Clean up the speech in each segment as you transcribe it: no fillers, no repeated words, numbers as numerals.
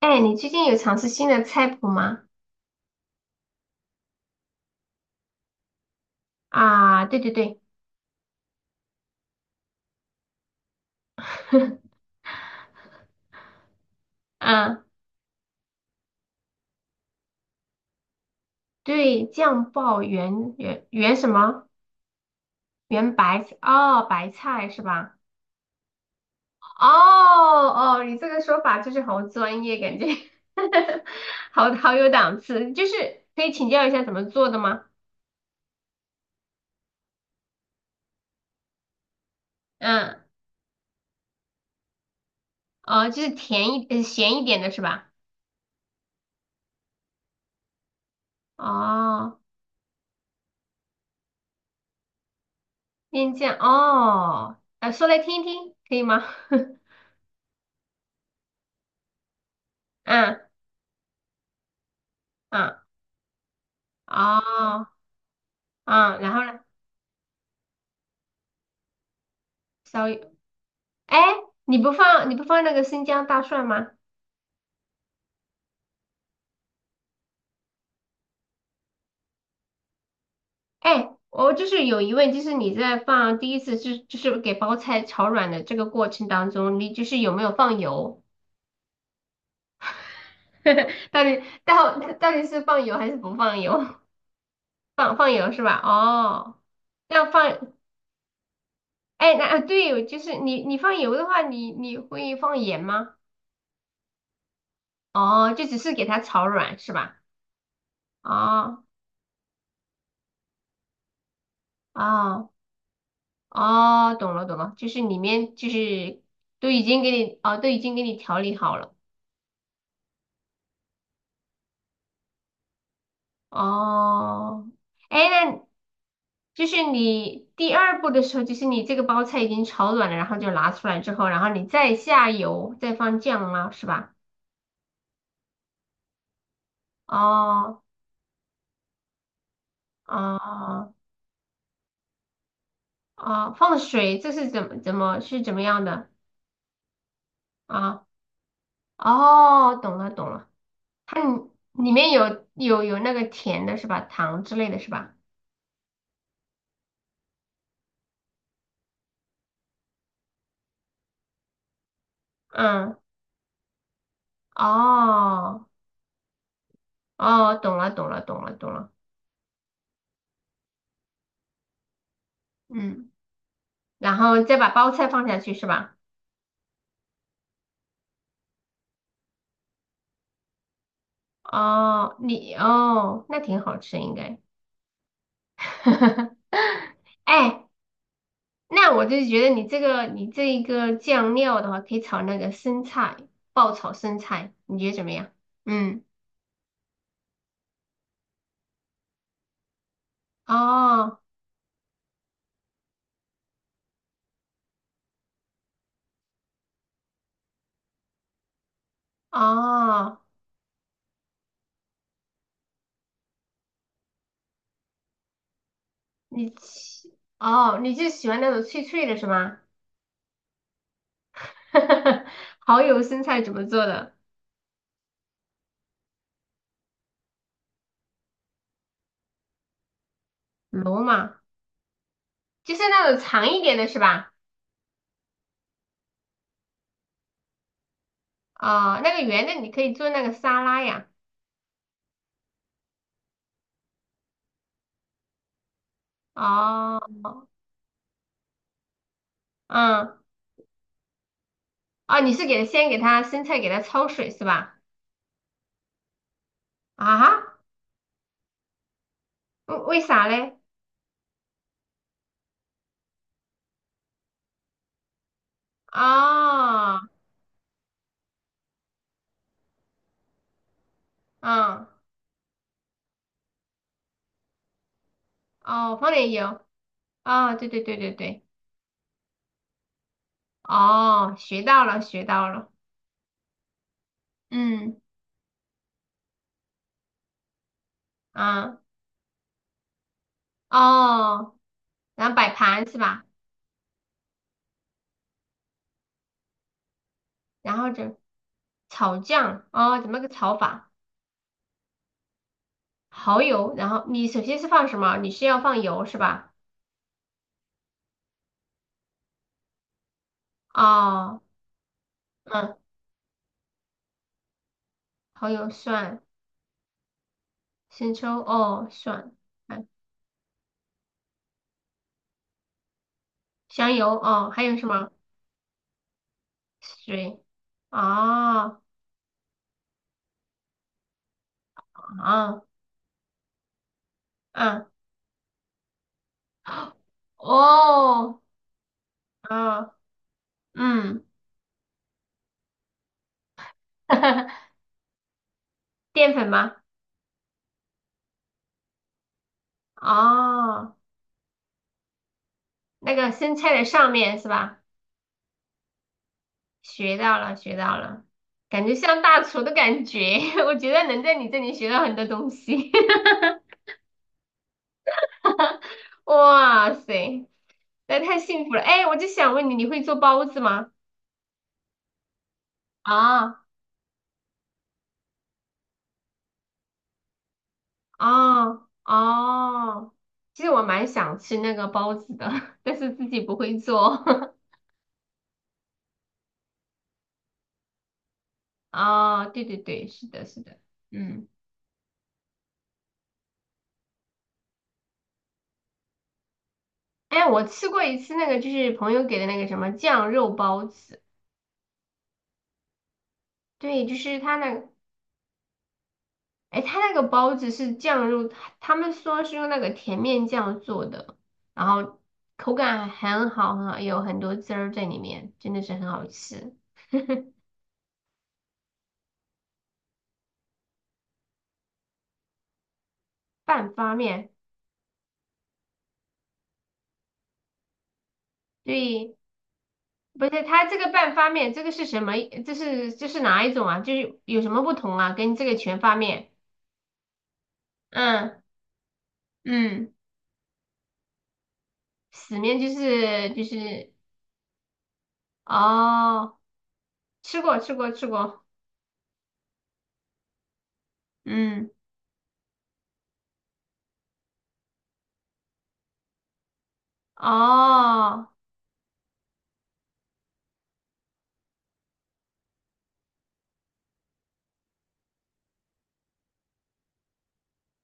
哎，你最近有尝试新的菜谱吗？啊，对对对，嗯，对，酱爆圆什么？圆白菜哦，白菜是吧？哦哦，你这个说法就是好专业，感觉 好好有档次。就是可以请教一下怎么做的吗？嗯，哦，就是咸一点的是吧？哦，面酱哦，说来听一听，可以吗？嗯嗯，哦嗯，然后呢？小，哎，你不放那个生姜大蒜吗？哎，我就是有疑问，就是你在放第一次就是给包菜炒软的这个过程当中，你就是有没有放油？到底是放油还是不放油？放油是吧？哦，要放，哎，那啊对，就是你放油的话，你会放盐吗？哦，就只是给它炒软是吧？哦哦。哦，懂了懂了，就是里面就是都已经给你调理好了。哦，哎，那就是你第二步的时候，就是你这个包菜已经炒软了，然后就拿出来之后，然后你再下油，再放酱吗？是吧？哦哦哦，放水，这是怎么样的啊？哦，懂了懂了，它里面有那个甜的是吧？糖之类的是吧？嗯，哦。哦，懂了，懂了，懂了，懂了。嗯，然后再把包菜放下去是吧？哦，那挺好吃应该。哎，那我就是觉得你这个你这一个酱料的话，可以炒那个生菜，爆炒生菜，你觉得怎么样？嗯，哦哦，你喜哦，你就喜欢那种脆脆的是吗？蚝油生菜怎么做的？罗马就是那种长一点的是吧？哦，那个圆的你可以做那个沙拉呀。哦，嗯，哦，你是给先给它生菜给它焯水是吧？啊哈为啥嘞？哦，嗯，哦，放点油。哦，对对对对对，哦，学到了学到了。嗯，啊，哦，然后摆盘是吧？然后就炒酱。哦，怎么个炒法？蚝油，然后你首先是放什么？你是要放油是吧？哦，嗯，蚝油蒜。生抽哦，蒜，嗯，香油哦，还有什么？水哦，啊嗯哦啊嗯，淀粉吗？哦，那个生菜的上面是吧？学到了，学到了，感觉像大厨的感觉，我觉得能在你这里学到很多东西。哇塞，那太幸福了！哎，我就想问你，你会做包子吗？啊。哦哦，其实我蛮想吃那个包子的，但是自己不会做。哦，对对对，是的，是的，嗯，哎，我吃过一次那个，就是朋友给的那个什么酱肉包子，对，就是他那个，哎，他那个包子是酱肉，他们说是用那个甜面酱做的，然后口感很好，很好，有很多汁儿在里面，真的是很好吃。半发面，对。不是，它这个半发面，这个是什么？这是哪一种啊？就是有什么不同啊？跟这个全发面，嗯嗯，死面就是。哦，吃过吃过吃过，嗯，哦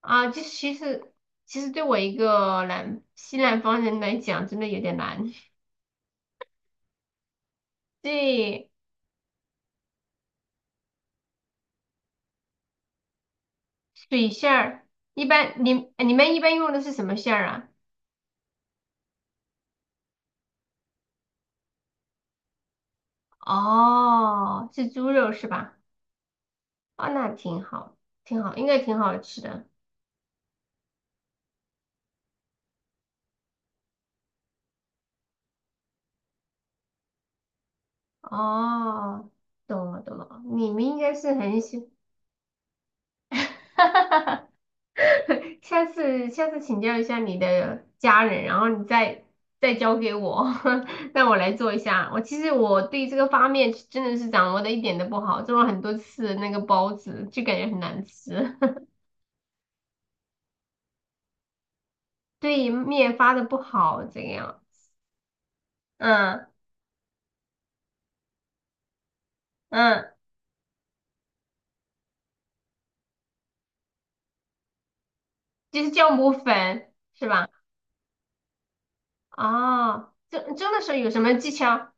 啊，就是其实对我一个西南方人来讲，真的有点难。对，水馅儿，一般你们一般用的是什么馅儿啊？哦，是猪肉是吧？啊，那挺好，挺好，应该挺好吃的。哦，懂了懂了，你们应该是很喜，下次请教一下你的家人，然后你再教给我，让我来做一下。其实我对这个发面真的是掌握的一点都不好，做了很多次那个包子，就感觉很难吃，对面发的不好这个样。嗯嗯，就是酵母粉是吧？哦，蒸的时候有什么技巧？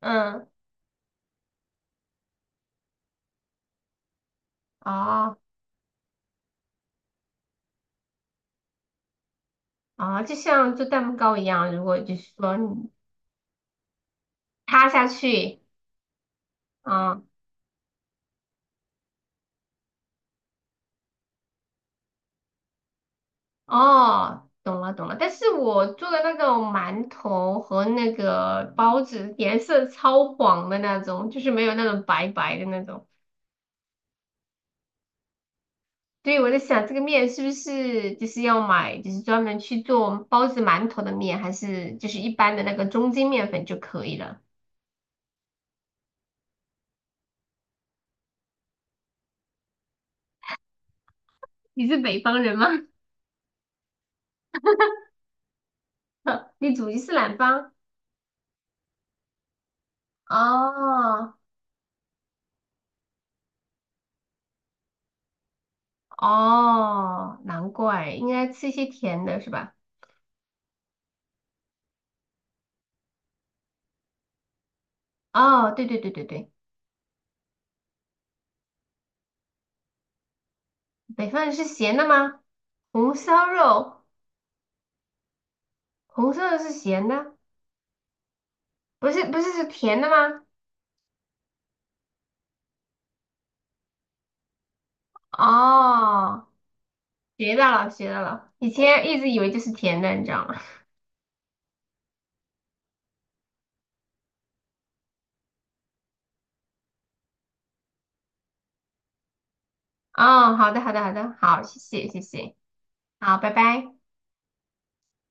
嗯。哦哦，就像做蛋糕一样，如果就是说你塌下去，啊、哦，懂了懂了。但是我做的那种馒头和那个包子颜色超黄的那种，就是没有那种白白的那种。所以我在想，这个面是不是就是要买，就是专门去做包子、馒头的面，还是就是一般的那个中筋面粉就可以了？你是北方人吗？你祖籍是南方？哦哦，难怪，应该吃一些甜的是吧？哦，对对对对对，北方人是咸的吗？红烧肉，红烧肉是咸的，不是不是是甜的吗？哦，学到了学到了，以前一直以为就是甜的，你知道吗？哦，好的好的好的，好，谢谢谢谢，好，拜拜。